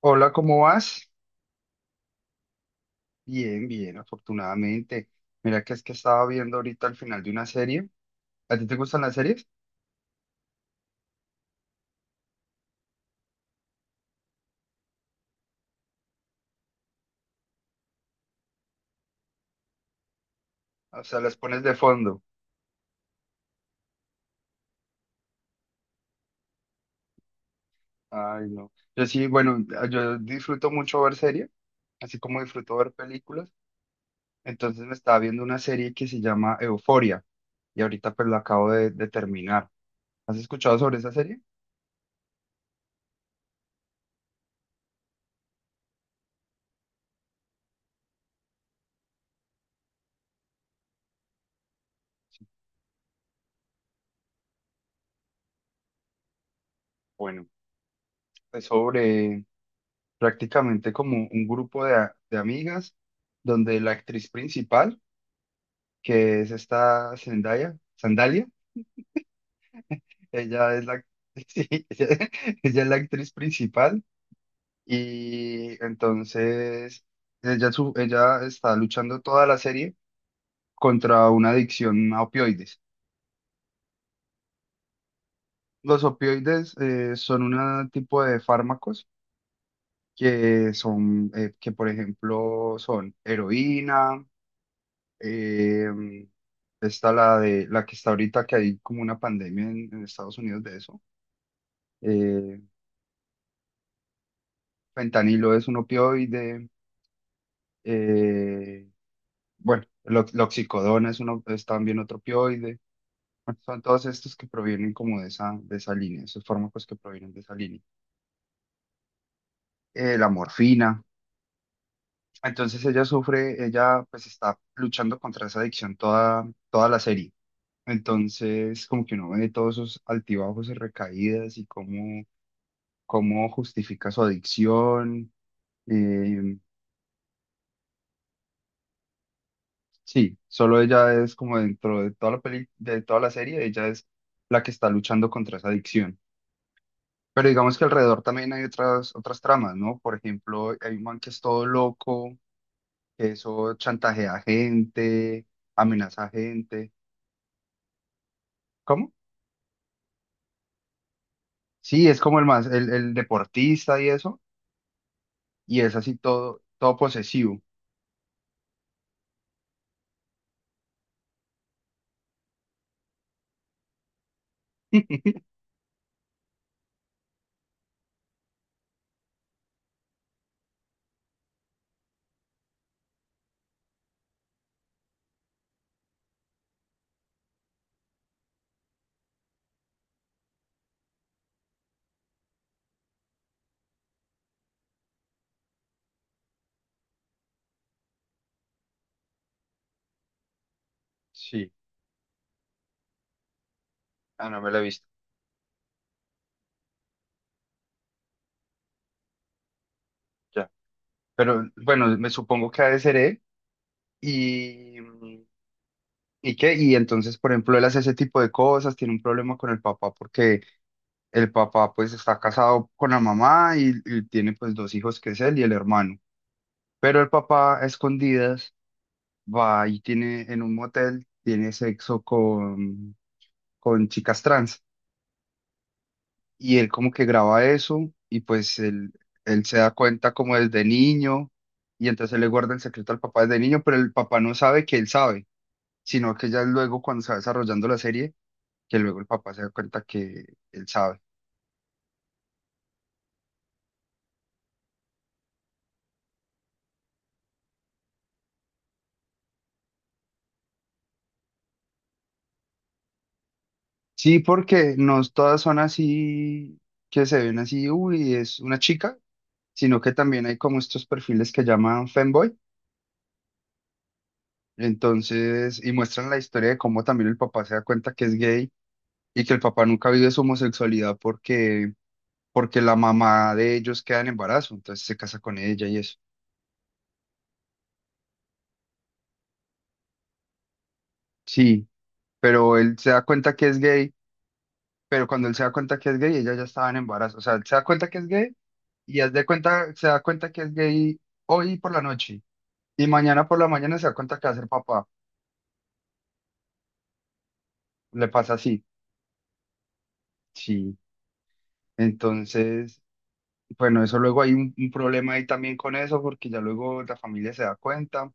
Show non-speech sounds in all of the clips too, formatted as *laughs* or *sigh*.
Hola, ¿cómo vas? Bien, bien, afortunadamente. Mira que es que estaba viendo ahorita al final de una serie. ¿A ti te gustan las series? O sea, las pones de fondo. Ay, no. Yo sí, bueno, yo disfruto mucho ver series, así como disfruto ver películas. Entonces me estaba viendo una serie que se llama Euforia y ahorita pues la acabo de terminar. ¿Has escuchado sobre esa serie? Bueno, es sobre prácticamente como un grupo de amigas donde la actriz principal que es esta Zendaya, Sandalia. Ella es la, *laughs* sí, ella es la actriz principal y entonces ella está luchando toda la serie contra una adicción a opioides. Los opioides son un tipo de fármacos que son, que por ejemplo son heroína, em, está la de la que está ahorita que hay como una pandemia en Estados Unidos de eso. eh, Fentanilo es un opioide. eh, bueno, lo- loxicodona es, uno, es también otro opioide. Bueno, son todos estos que provienen como de esa línea, esos fármacos que provienen de esa línea. La morfina. Entonces ella sufre, ella pues está luchando contra esa adicción toda, toda la serie. Entonces como que uno ve todos esos altibajos y recaídas y cómo, cómo justifica su adicción. eh, Sí, solo ella es como dentro de toda la peli, de toda la serie, ella es la que está luchando contra esa adicción. Pero digamos que alrededor también hay otras, otras tramas, ¿no? Por ejemplo, hay un man que es todo loco, que eso chantajea a gente, amenaza a gente. ¿Cómo? Sí, es como el más, el deportista y eso, y es así todo, todo posesivo. *laughs* Sí, ah, no me la he visto, ya. Pero bueno, me supongo que ha de ser él. Y, ¿y qué? Y entonces, por ejemplo, él hace ese tipo de cosas, tiene un problema con el papá porque el papá pues está casado con la mamá y tiene pues dos hijos que es él y el hermano. Pero el papá a escondidas va y tiene en un motel, tiene sexo con chicas trans y él como que graba eso y pues él se da cuenta como desde niño y entonces él le guarda el secreto al papá desde niño, pero el papá no sabe que él sabe, sino que ya luego cuando se va desarrollando la serie que luego el papá se da cuenta que él sabe. Sí, porque no todas son así, que se ven así, uy, es una chica, sino que también hay como estos perfiles que llaman femboy, entonces, y muestran la historia de cómo también el papá se da cuenta que es gay y que el papá nunca vive su homosexualidad porque, porque la mamá de ellos queda en embarazo, entonces se casa con ella y eso. Sí, pero él se da cuenta que es gay, pero cuando él se da cuenta que es gay, ella ya estaba en embarazo, o sea, él se da cuenta que es gay y haz de cuenta, se da cuenta que es gay hoy por la noche y mañana por la mañana se da cuenta que va a ser papá. Le pasa así, sí. Entonces, bueno, eso luego hay un problema ahí también con eso porque ya luego la familia se da cuenta.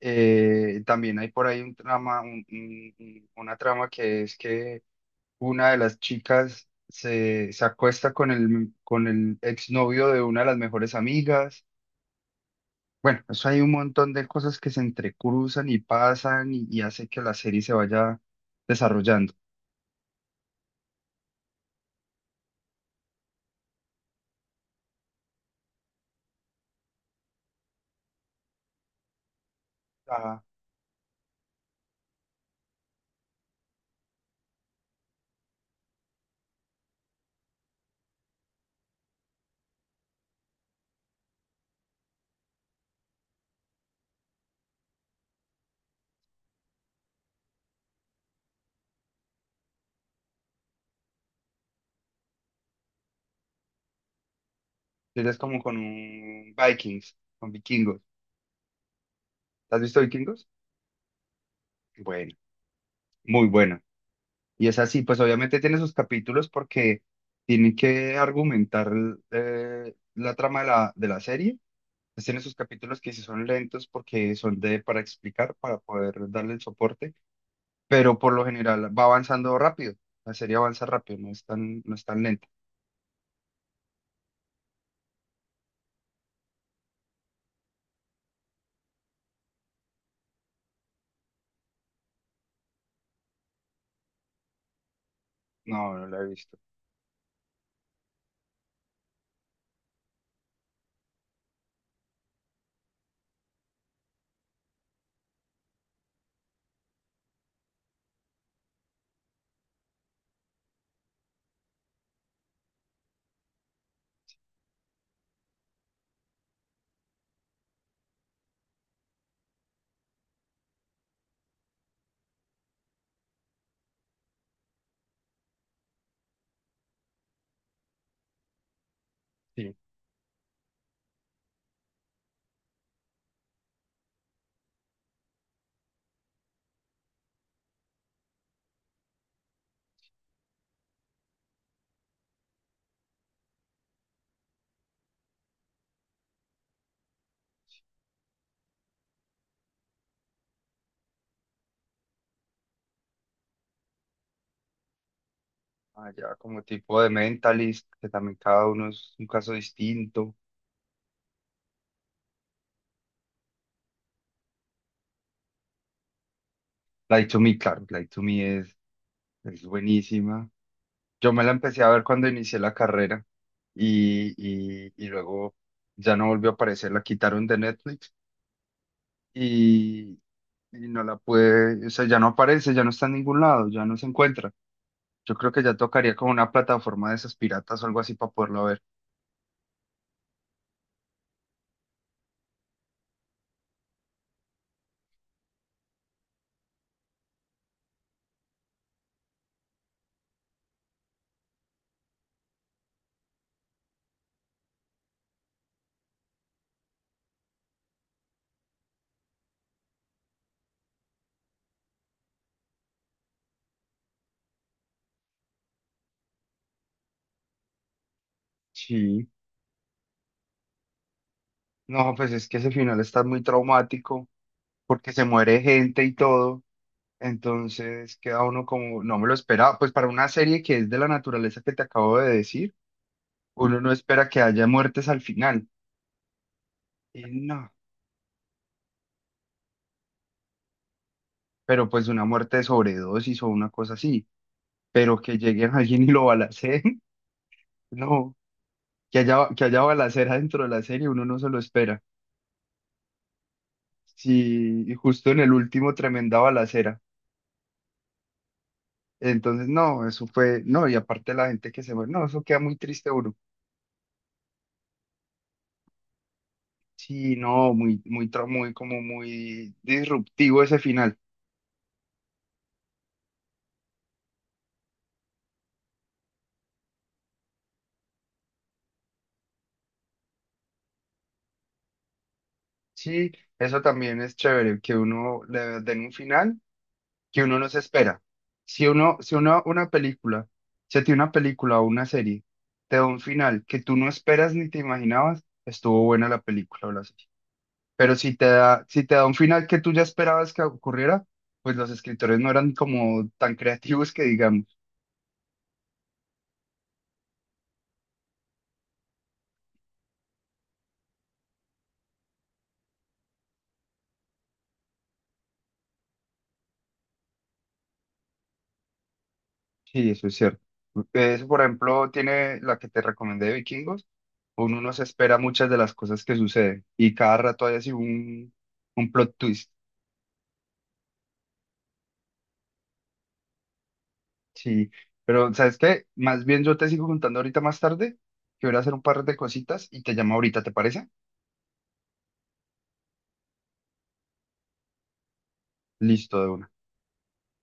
También hay por ahí un trama, una trama que es que una de las chicas se, se acuesta con el exnovio de una de las mejores amigas. Bueno, eso hay un montón de cosas que se entrecruzan y pasan y hace que la serie se vaya desarrollando. Ah, es como con un Vikings, con vikingos. ¿Has visto vikingos? Bueno, muy bueno. Y es así, pues obviamente tiene sus capítulos porque tiene que argumentar la trama de la serie. Pues tiene sus capítulos que sí son lentos porque son de para explicar, para poder darle el soporte, pero por lo general va avanzando rápido. La serie avanza rápido, no es tan, no es tan lenta. No, no la he visto. Sí. Allá como tipo de Mentalist, que también cada uno es un caso distinto. Light to Me, claro, Light to Me es buenísima. Yo me la empecé a ver cuando inicié la carrera y, y luego ya no volvió a aparecer, la quitaron de Netflix y, y no la pude, o sea, ya no aparece, ya no está en ningún lado, ya no se encuentra. Yo creo que ya tocaría como una plataforma de esas piratas o algo así para poderla ver. Sí. No, pues es que ese final está muy traumático porque se muere gente y todo. Entonces queda uno como, no me lo esperaba. Pues para una serie que es de la naturaleza que te acabo de decir, uno no espera que haya muertes al final. Y no, pero pues una muerte de sobredosis o una cosa así. Pero que lleguen a alguien y lo balacen, *laughs* no. Que haya balacera dentro de la serie, uno no se lo espera. Sí, y justo en el último, tremenda balacera. Entonces, no, eso fue, no, y aparte la gente que se muere, no, eso queda muy triste uno. Sí, no, muy, muy, tra- muy, como muy disruptivo ese final. Sí, eso también es chévere, que uno le den un final que uno no se espera. Si uno, si uno, una película, si a ti una película o una serie te da un final que tú no esperas ni te imaginabas, estuvo buena la película o la serie. Pero si te da, si te da un final que tú ya esperabas que ocurriera, pues los escritores no eran como tan creativos que digamos. Sí, eso es cierto. Eso, por ejemplo, tiene la que te recomendé de Vikingos, uno no se espera muchas de las cosas que suceden y cada rato hay así un plot twist. Sí, pero ¿sabes qué? Más bien yo te sigo contando ahorita más tarde, que voy a ir a hacer un par de cositas y te llamo ahorita, ¿te parece? Listo, de una.